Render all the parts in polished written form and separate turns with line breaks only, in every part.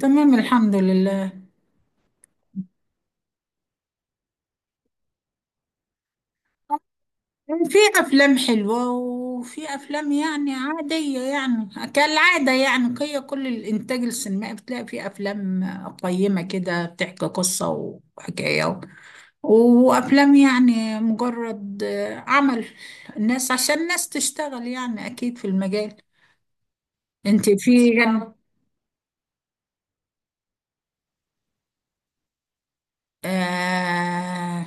تمام، الحمد لله. في أفلام حلوة، وفي أفلام يعني عادية يعني، كالعادة يعني. هي كل الإنتاج السينمائي بتلاقي فيه أفلام قيمة كده بتحكي قصة وحكاية، وأفلام يعني مجرد عمل الناس عشان الناس تشتغل، يعني أكيد في المجال. أنت في... آه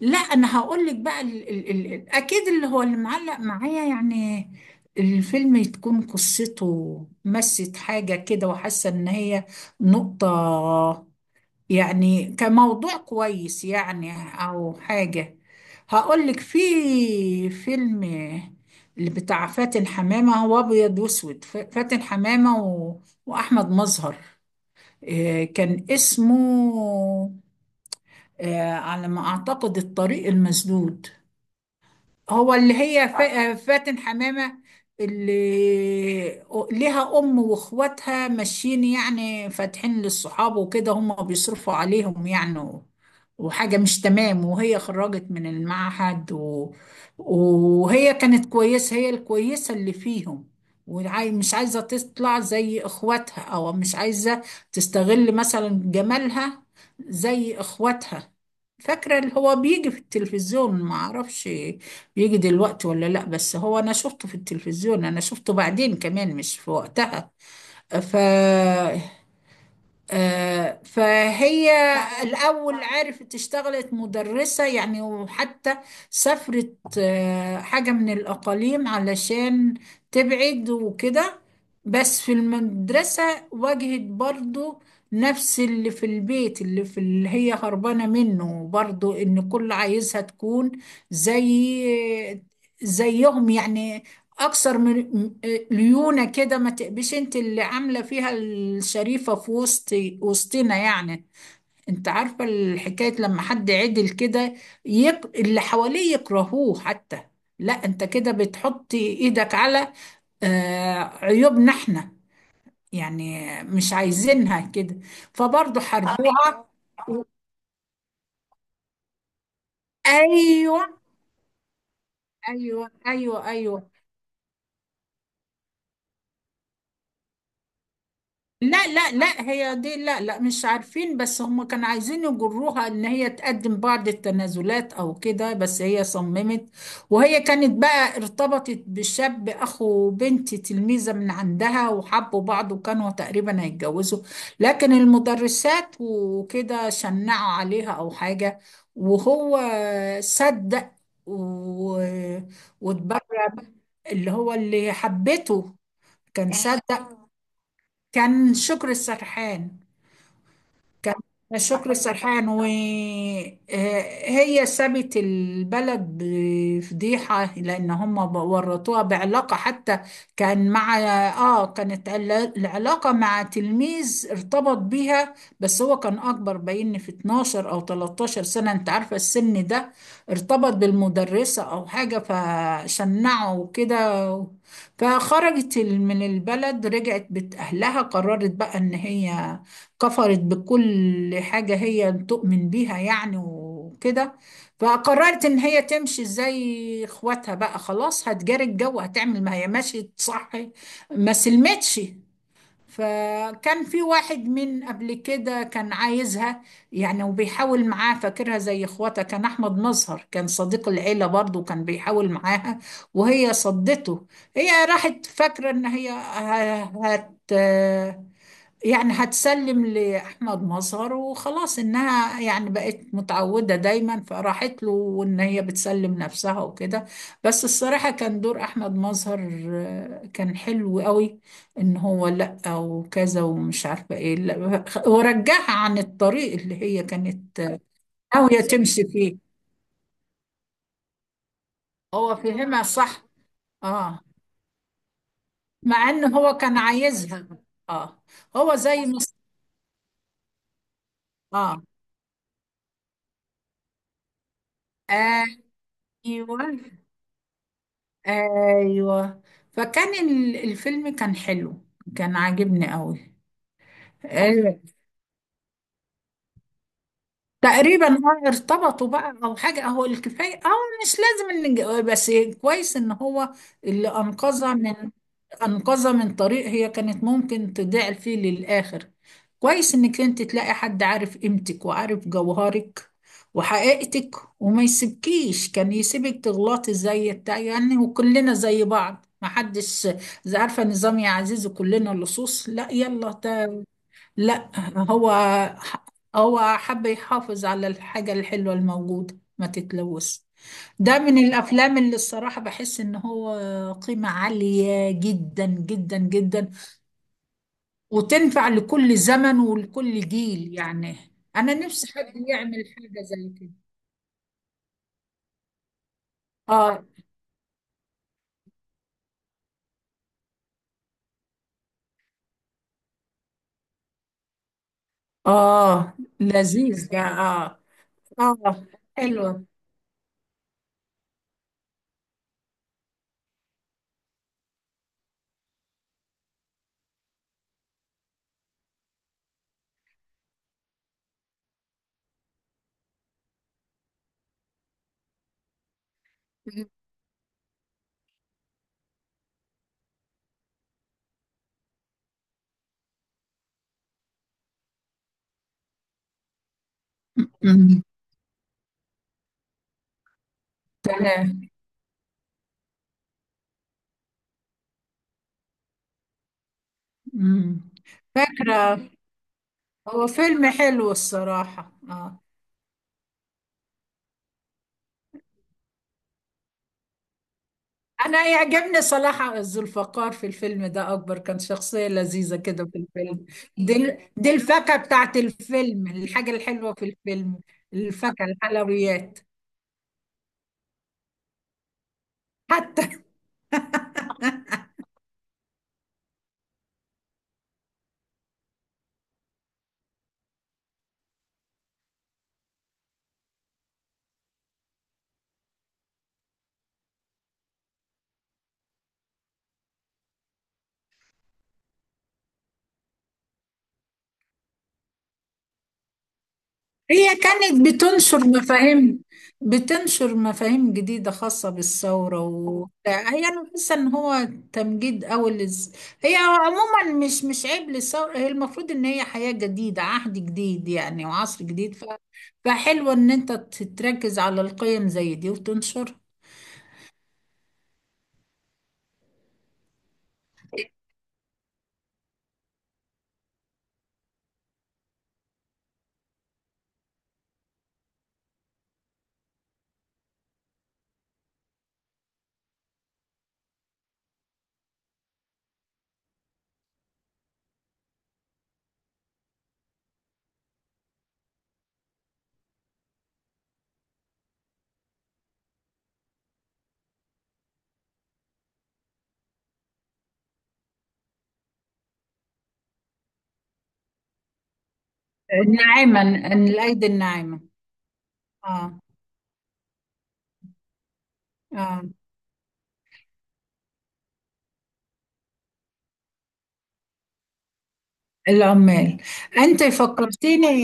لا، انا هقول لك بقى اكيد اللي هو اللي معلق معايا يعني الفيلم تكون قصته مست حاجة كده، وحاسة ان هي نقطة يعني كموضوع كويس يعني، او حاجة. هقول لك في فيلم، اللي بتاع فاتن حمامة، هو ابيض واسود. فاتن حمامة و... واحمد مظهر. كان اسمه على ما أعتقد الطريق المسدود. هو اللي هي فاتن حمامة اللي ليها أم وإخواتها ماشيين يعني فاتحين للصحاب وكده، هم بيصرفوا عليهم يعني وحاجة مش تمام، وهي خرجت من المعهد و... وهي كانت كويسة، هي الكويسة اللي فيهم، ومش عايزة تطلع زي إخواتها، أو مش عايزة تستغل مثلا جمالها زي إخواتها. فاكرة اللي هو بيجي في التلفزيون، معرفش يجي دلوقتي ولا لا، بس هو انا شفته في التلفزيون، انا شفته بعدين كمان مش في وقتها. ف فهي فاهمك. الأول عرفت اشتغلت مدرسة يعني، وحتى سافرت حاجة من الأقاليم علشان تبعد وكده. بس في المدرسة واجهت برضو نفس اللي في البيت، اللي في اللي هي هربانة منه، برضو إن كل عايزها تكون زي زيهم يعني، اكثر من ليونه كده. ما تبقيش انت اللي عامله فيها الشريفه في وسطنا يعني، انت عارفه الحكايه لما حد عدل كده اللي حواليه يكرهوه حتى. لا، انت كده بتحطي ايدك على عيوبنا احنا يعني، مش عايزينها كده، فبرضه حاربوها. ايوه. ايوه ايوه ايوه. لا لا لا هي دي، لا لا مش عارفين، بس هم كانوا عايزين يجروها ان هي تقدم بعض التنازلات او كده، بس هي صممت. وهي كانت بقى ارتبطت بشاب اخو بنت تلميذة من عندها، وحبوا بعض وكانوا تقريبا هيتجوزوا، لكن المدرسات وكده شنعوا عليها او حاجة، وهو صدق و... واتبرع. اللي هو اللي حبته كان صدق، كان شكر السرحان، كان شكري سرحان. وهي سابت البلد بفضيحة لأن هم ورطوها بعلاقة حتى. كان مع كانت العلاقة مع تلميذ ارتبط بيها، بس هو كان أكبر بين في 12 أو 13 سنة، أنت عارفة السن ده، ارتبط بالمدرسة أو حاجة فشنعه وكده. فخرجت من البلد، رجعت بيت أهلها، قررت بقى إن هي كفرت بكل حاجة هي تؤمن بيها يعني وكده، فقررت إن هي تمشي زي إخواتها بقى، خلاص هتجاري الجو، هتعمل ما هي مشيت صح، ما سلمتش. فكان في واحد من قبل كده كان عايزها يعني وبيحاول معاه، فاكرها زي إخواتها، كان أحمد مظهر كان صديق العيلة برضه كان بيحاول معاها وهي صدته. هي راحت فاكرة إن هي هت يعني هتسلم لأحمد مظهر وخلاص، إنها يعني بقت متعودة دايما، فراحت له وإن هي بتسلم نفسها وكده. بس الصراحة كان دور أحمد مظهر كان حلو قوي، إن هو لأ وكذا ومش عارفة إيه، لأ ورجعها عن الطريق اللي هي كانت ناوية تمشي فيه. هو فهمها صح. آه مع إن هو كان عايزها. آه هو زي ما... اه. ايوه ايوه. فكان الفيلم كان حلو، كان عاجبني قوي. تقريبا اه ارتبطوا بقى او حاجه، هو الكفايه اه، مش لازم ان بس كويس ان هو اللي انقذها من... انقذها من طريق هي كانت ممكن تضيع فيه للاخر. كويس انك انت تلاقي حد عارف قيمتك وعارف جوهرك وحقيقتك، وما يسيبكيش، كان يسيبك تغلطي زي بتاع يعني، وكلنا زي بعض ما حدش عارفه نظام يا عزيزي كلنا لصوص، لا يلا. لا، هو هو حب يحافظ على الحاجة الحلوة الموجودة ما تتلوث. ده من الأفلام اللي الصراحة بحس إن هو قيمة عالية، جدا جدا جدا، وتنفع لكل زمن ولكل جيل يعني. أنا نفسي حد يعمل حاجة زي كده. آه. آه لذيذ ده آه. آه حلوة. أمم، تمام. أمم. فاكرة. هو فيلم حلو الصراحة آه. انا يعجبني صلاح الذوالفقار في الفيلم ده اكبر، كان شخصية لذيذة كده في الفيلم. دي دي الفاكهة بتاعت الفيلم، الحاجة الحلوة في الفيلم، الفاكهة الحلويات حتى. هي كانت بتنشر مفاهيم، بتنشر مفاهيم جديدة خاصة بالثورة و... هي أنا بحس إن هو تمجيد أوي للز... هي عموما مش عيب للثورة، هي المفروض إن هي حياة جديدة، عهد جديد يعني وعصر جديد ف... فحلو إن أنت تركز على القيم زي دي وتنشر. ناعما، إن الأيدي الناعمة. آه. آه. العمال. أنت فكرتيني،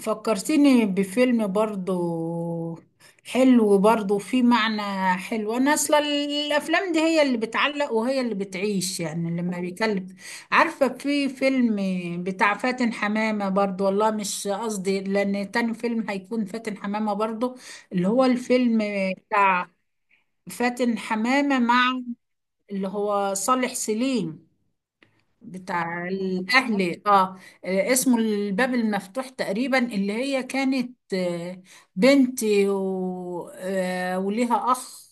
فكرتني بفيلم برضو حلو برضو فيه معنى حلو. انا اصلا الافلام دي هي اللي بتعلق وهي اللي بتعيش يعني لما بيكلم. عارفة، في فيلم بتاع فاتن حمامة برضو، والله مش قصدي لان تاني فيلم هيكون فاتن حمامة برضو، اللي هو الفيلم فاتن حمامة مع اللي هو صالح سليم بتاع الأهلي اه. اسمه الباب المفتوح تقريبا. اللي هي كانت بنت و... وليها أخ،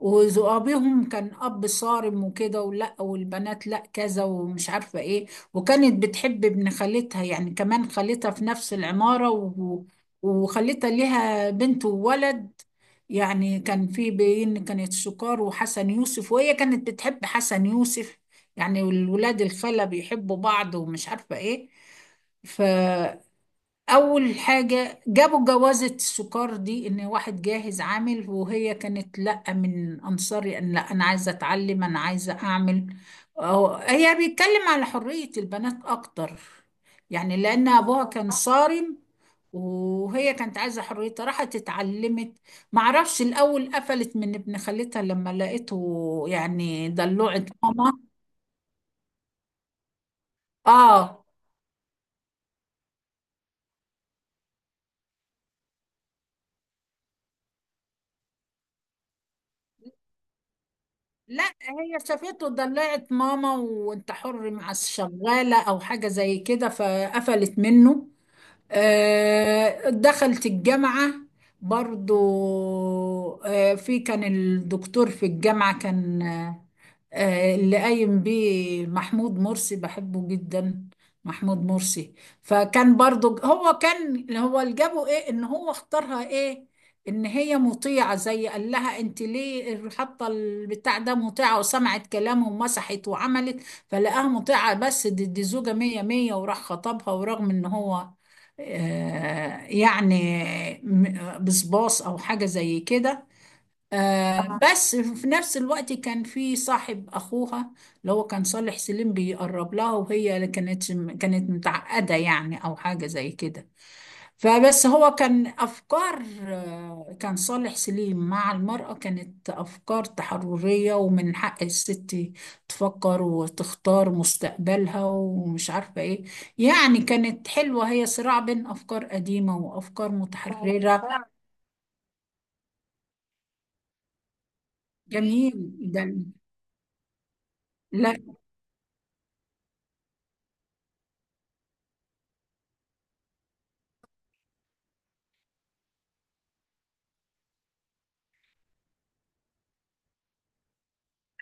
وأبيهم كان أب صارم وكده، ولا والبنات لا كذا ومش عارفة إيه. وكانت بتحب ابن خالتها يعني، كمان خالتها في نفس العمارة و... وخالتها ليها بنت وولد يعني، كان في بين كانت سكار وحسن يوسف، وهي كانت بتحب حسن يوسف يعني. والولاد الخالة بيحبوا بعض ومش عارفة إيه. اول حاجه جابوا جوازه السكر دي ان واحد جاهز عامل، وهي كانت لا، من انصاري ان لا، انا عايزه اتعلم، انا عايزه اعمل. أهو هي بيتكلم على حريه البنات اكتر يعني، لان ابوها كان صارم، وهي كانت عايزه حريتها، راحت اتعلمت. معرفش الاول قفلت من ابن خالتها لما لقيته يعني دلوعت ماما. اه. لا هي شافته ضلعت ماما وانت حر مع الشغالة او حاجة زي كده، فقفلت منه. دخلت الجامعة برضو. في كان الدكتور في الجامعة كان اللي قايم بيه محمود مرسي بحبه جدا، محمود مرسي. فكان برضو هو كان اللي هو اللي جابه ايه ان هو اختارها ايه ان هي مطيعة زي، قال لها انت ليه حاطة البتاع ده، مطيعة، وسمعت كلامه ومسحت وعملت، فلقاها مطيعة بس دي زوجة مية مية وراح خطبها. ورغم ان هو يعني بصباص او حاجه زي كده. بس في نفس الوقت كان في صاحب اخوها اللي هو كان صالح سليم بيقرب لها، وهي كانت متعقده يعني او حاجه زي كده. فبس هو كان أفكار كان صالح سليم مع المرأة كانت أفكار تحررية، ومن حق الست تفكر وتختار مستقبلها ومش عارفة إيه. يعني كانت حلوة، هي صراع بين أفكار قديمة وأفكار متحررة. جميل ده. لا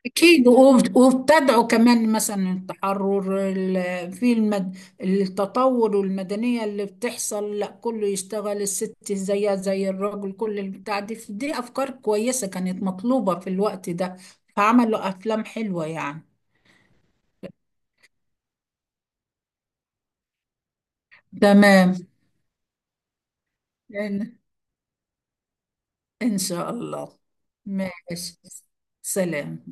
أكيد، وابتدعوا كمان مثلا التحرر في المد... التطور والمدنية اللي بتحصل، لا كله يشتغل الست زيها زي الراجل، كل البتاع دي، دي أفكار كويسة كانت مطلوبة في الوقت ده، فعملوا أفلام حلوة يعني. تمام، إن إن شاء الله. ماشي، سلام.